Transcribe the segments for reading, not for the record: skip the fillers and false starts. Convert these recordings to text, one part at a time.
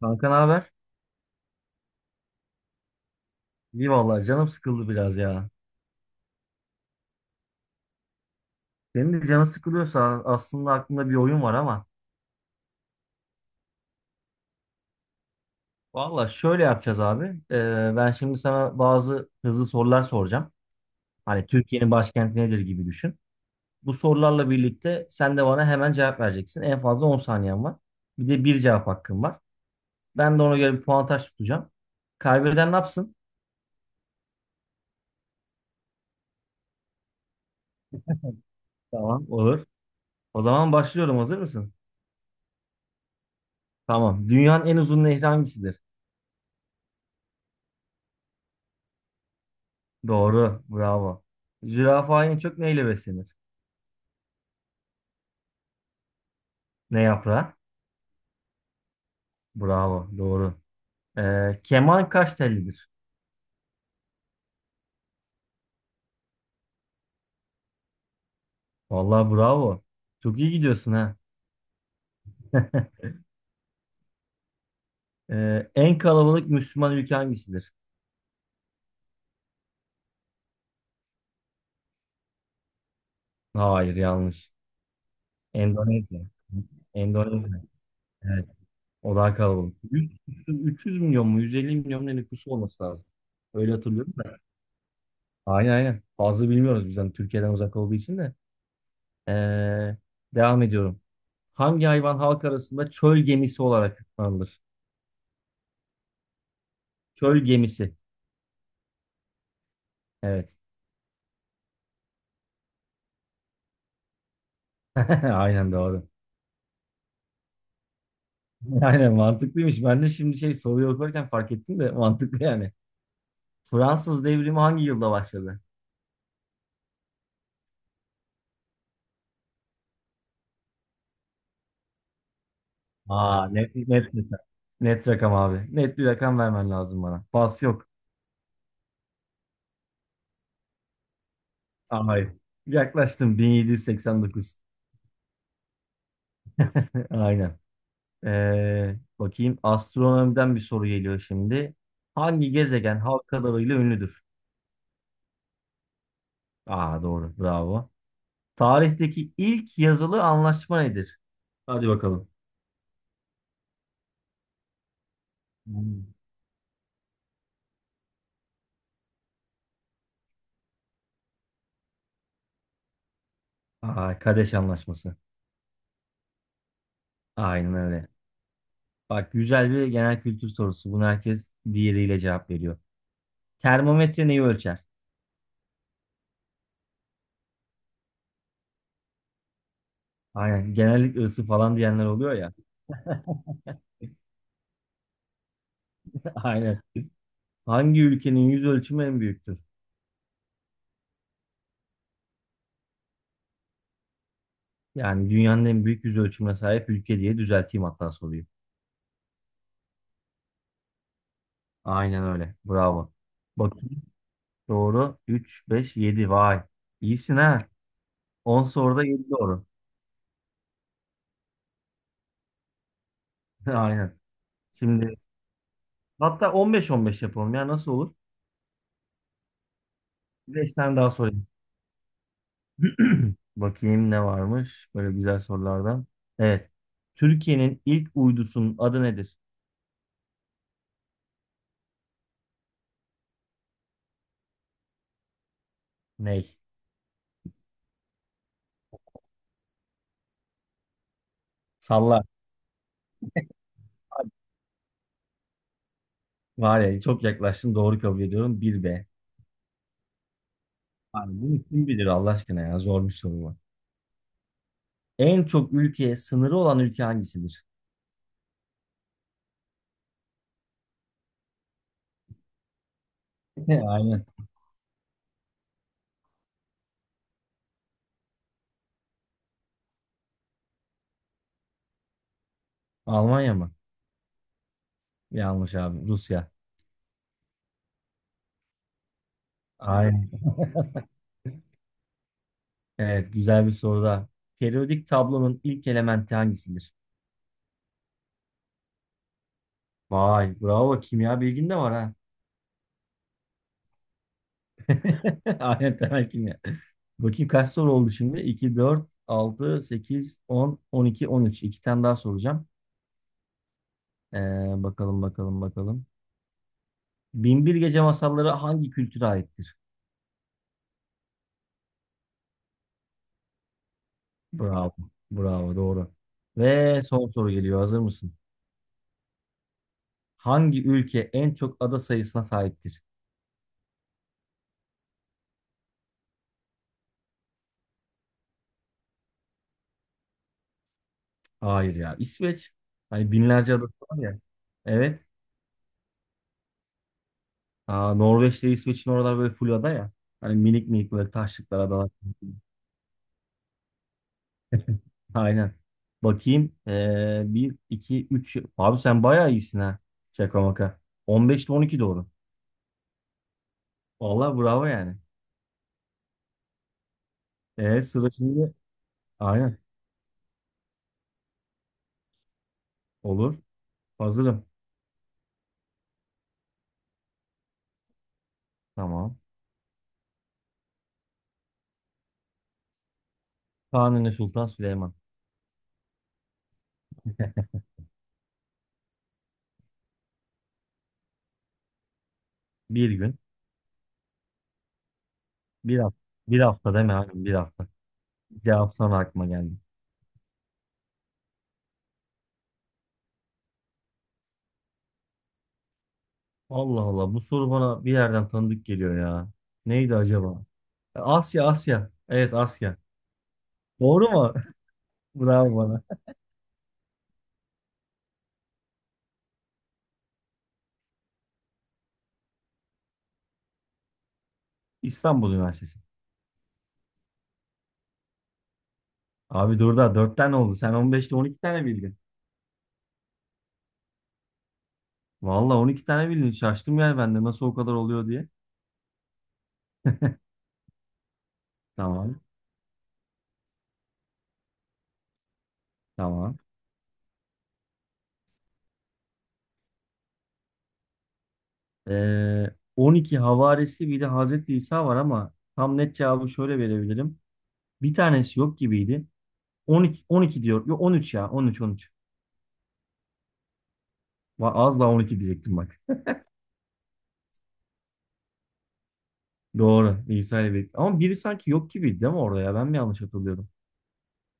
Kanka ne haber? İyi vallahi canım sıkıldı biraz ya. Senin de canın sıkılıyorsa aslında aklında bir oyun var ama vallahi şöyle yapacağız abi. Ben şimdi sana bazı hızlı sorular soracağım. Hani Türkiye'nin başkenti nedir gibi düşün. Bu sorularla birlikte sen de bana hemen cevap vereceksin. En fazla 10 saniyen var. Bir de bir cevap hakkın var. Ben de ona göre bir puantaj tutacağım. Kaybeden ne yapsın? Tamam olur. O zaman başlıyorum. Hazır mısın? Tamam. Dünyanın en uzun nehri hangisidir? Doğru. Bravo. Zürafa en çok neyle beslenir? Ne yaprağı? Bravo. Doğru. Keman kaç tellidir? Vallahi bravo. Çok iyi gidiyorsun ha. En kalabalık Müslüman ülke hangisidir? Hayır, yanlış. Endonezya. Endonezya. Evet. O daha kalabalık. 100, 300 milyon mu? 150 milyon mu, ne nüfusu olması lazım. Öyle hatırlıyorum da. Aynen aynen. Fazla bilmiyoruz, bizden Türkiye'den uzak olduğu için de. Ee, Devam ediyorum. Hangi hayvan halk arasında çöl gemisi olarak adlandırılır? Çöl gemisi. Evet. Aynen doğru. Aynen mantıklıymış. Ben de şimdi şey soruyu okurken fark ettim de mantıklı yani. Fransız devrimi hangi yılda başladı? Aa, net net rakam. Net rakam abi. Net bir rakam vermen lazım bana. Pas yok. Aa, hayır. Yaklaştım, 1789. Aynen. Bakayım, astronomiden bir soru geliyor şimdi. Hangi gezegen halk kadarıyla ünlüdür? Aa, doğru. Bravo. Tarihteki ilk yazılı anlaşma nedir? Hadi bakalım. Hmm. Aa, Kadeş Anlaşması. Aynen öyle. Bak, güzel bir genel kültür sorusu. Bunu herkes diğeriyle cevap veriyor. Termometre neyi ölçer? Aynen. Genellikle ısı falan diyenler oluyor ya. Aynen. Hangi ülkenin yüz ölçümü en büyüktür? Yani dünyanın en büyük yüz ölçümüne sahip ülke diye düzelteyim hatta soruyu. Aynen öyle. Bravo. Bakayım. Doğru. 3, 5, 7. Vay. İyisin ha. 10 soruda 7 doğru. Aynen. Şimdi, hatta 15-15 yapalım ya, nasıl olur? 5 tane daha sorayım. Bakayım ne varmış böyle güzel sorulardan. Evet. Türkiye'nin ilk uydusunun adı nedir? Ney? Salla. Var ya, çok yaklaştın, doğru kabul ediyorum. Bir b. Abi bunu kim bilir Allah aşkına ya, zor bir soru bu. En çok ülkeye sınırı olan ülke hangisidir? Aynen. Almanya mı? Yanlış abi. Rusya. Aynen. Evet, güzel bir soru da. Periyodik tablonun ilk elementi hangisidir? Vay, bravo. Kimya bilgin de var ha. Aynen temel kimya. Bakayım kaç soru oldu şimdi? İki, dört, altı, sekiz, on, on iki, on üç. İki tane daha soracağım. Ee, Bakalım, bakalım, bakalım. Bin bir Gece Masalları hangi kültüre aittir? Bravo, bravo, doğru. Ve son soru geliyor. Hazır mısın? Hangi ülke en çok ada sayısına sahiptir? Hayır ya. İsveç. Hani binlerce adası var ya. Evet. Aa, Norveç'te, İsveç'in oralar böyle full ada ya. Hani minik minik böyle taşlıklar adalar. Aynen. Bakayım. 1, 2, 3. Abi sen bayağı iyisin ha. Şaka maka. 15'te 12 doğru. Vallahi bravo yani. Sıra şimdi. Aynen. Olur. Hazırım. Tamam. Kanuni Sultan Süleyman. Bir gün. Bir hafta. Bir hafta deme abi. Bir hafta. Cevap sana aklıma geldi. Allah Allah. Bu soru bana bir yerden tanıdık geliyor ya. Neydi acaba? Asya, Asya. Evet, Asya. Doğru mu? Bravo bana. İstanbul Üniversitesi. Abi dur da 4 tane oldu. Sen 15'te 12 tane bildin. Valla 12 tane bildin. Şaştım yani ben de, nasıl o kadar oluyor diye. Tamam. Tamam. Ee, 12 havarisi bir de Hazreti İsa var ama tam net cevabı şöyle verebilirim. Bir tanesi yok gibiydi. 12, 12 diyor. Yok, 13 ya. 13 13. Az daha 12 diyecektim bak. Doğru. İsa'yı bekledim. Ama biri sanki yok gibiydi değil mi orada ya? Ben mi yanlış hatırlıyorum?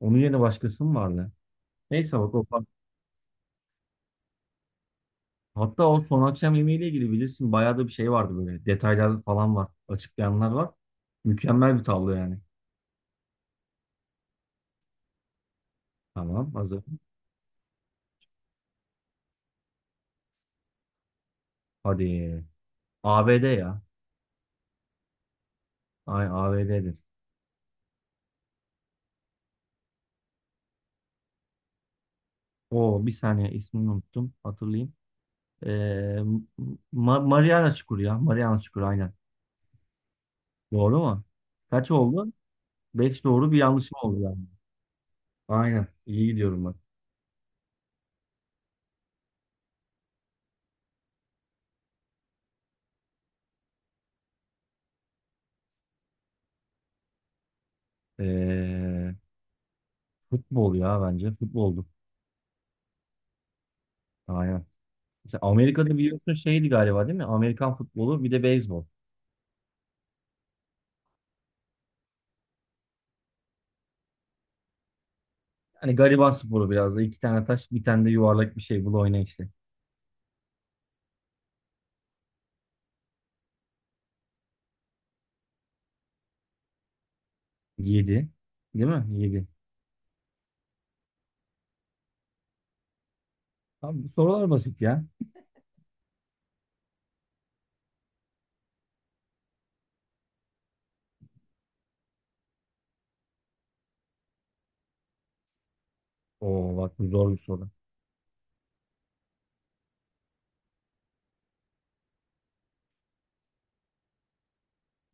Onun yerine başkası mı vardı? Neyse bak o, hatta o son akşam yemeğiyle ilgili bilirsin, bayağı da bir şey vardı böyle. Detaylar falan var. Açıklayanlar var. Mükemmel bir tablo yani. Tamam, hazır. Hadi. ABD ya. Ay, ABD'dir. O bir saniye ismini unuttum. Hatırlayayım. Ee, Mariana Çukuru ya. Mariana Çukuru, aynen. Doğru mu? Kaç oldu? 5 doğru bir yanlışım oldu yani. Aynen. İyi gidiyorum bak. Ee, Futbol ya bence. Futboldu. Aynen. Mesela Amerika'da biliyorsun şeydi galiba değil mi? Amerikan futbolu, bir de beyzbol. Hani gariban sporu biraz da. İki tane taş, bir tane de yuvarlak bir şey. Bul oyna işte. Yedi. Değil mi? Yedi. Abi bu sorular basit ya. Oo, bak bu zor bir soru.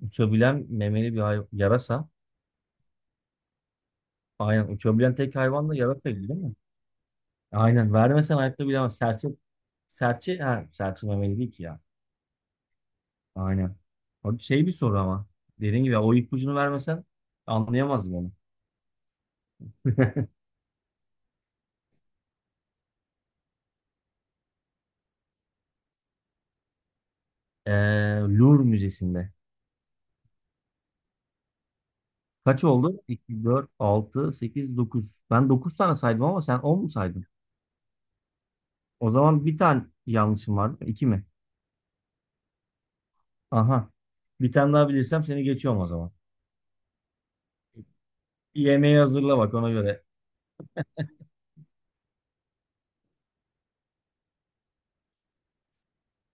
Uçabilen memeli bir yarasa. Aynen, uçabilen tek hayvan da yarasaydı değil mi? Aynen, vermesen hayatta bilemez. Serçe, serçe, ha, serçe memeli değil ki ya. Aynen. Abi şey bir soru ama. Dediğim gibi o ipucunu vermesen anlayamazdım onu. Ee, Louvre Müzesi'nde. Kaç oldu? 2, 4, 6, 8, 9. Ben 9 tane saydım ama sen 10 mu saydın? O zaman bir tane yanlışım var. 2 mi? Aha. Bir tane daha bilirsem seni geçiyorum o zaman. Yemeği hazırla bak ona göre.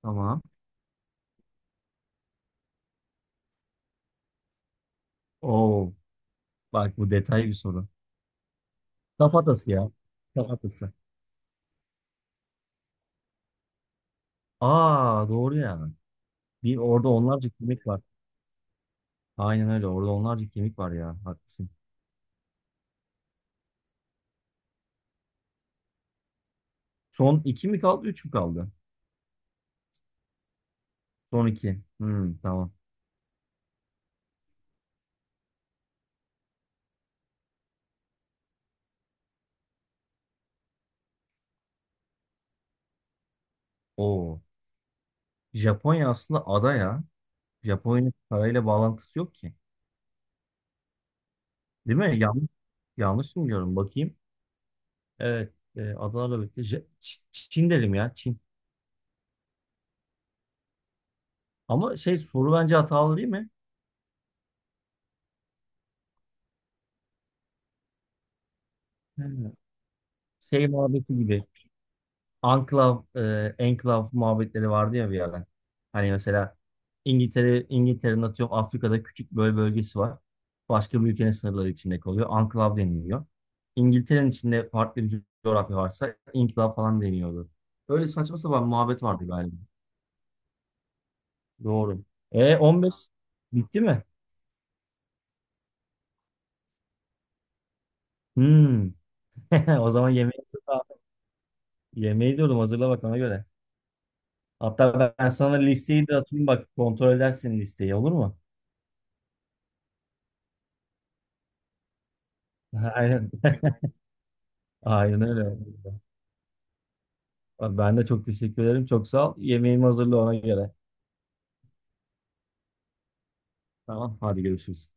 Tamam. Oo, bak bu detaylı bir soru. Kafatası ya. Kafatası. Aa, doğru ya. Bir orada onlarca kemik var. Aynen öyle. Orada onlarca kemik var ya. Haklısın. Son 2 mi kaldı, 3 mü kaldı? Son 2. Hmm, tamam. Oo. Japonya aslında ada ya. Japonya'nın parayla bağlantısı yok ki. Değil mi? Yanlış, yanlış mı diyorum? Bakayım. Evet. Adana'la birlikte. Çin dedim ya. Çin. Ama şey soru bence hatalı değil mi? Hmm. Şey muhabbeti gibi. Anklav, enklav muhabbetleri vardı ya bir yerden. Hani mesela İngiltere'nin atıyorum Afrika'da küçük böyle bölgesi var. Başka bir ülkenin sınırları içinde kalıyor. Anklav deniliyor. İngiltere'nin içinde farklı bir coğrafya varsa enklav falan deniyordu. Öyle saçma sapan muhabbet vardı galiba. Doğru. 15 bitti mi? Hmm. O zaman yemeği, yemeği diyorum, hazırla bak ona göre. Hatta ben sana listeyi de atayım, bak kontrol edersin listeyi, olur mu? Aynen. Aynen öyle. Ben de çok teşekkür ederim. Çok sağ ol. Yemeğimi hazırla ona göre. Tamam. Hadi, görüşürüz.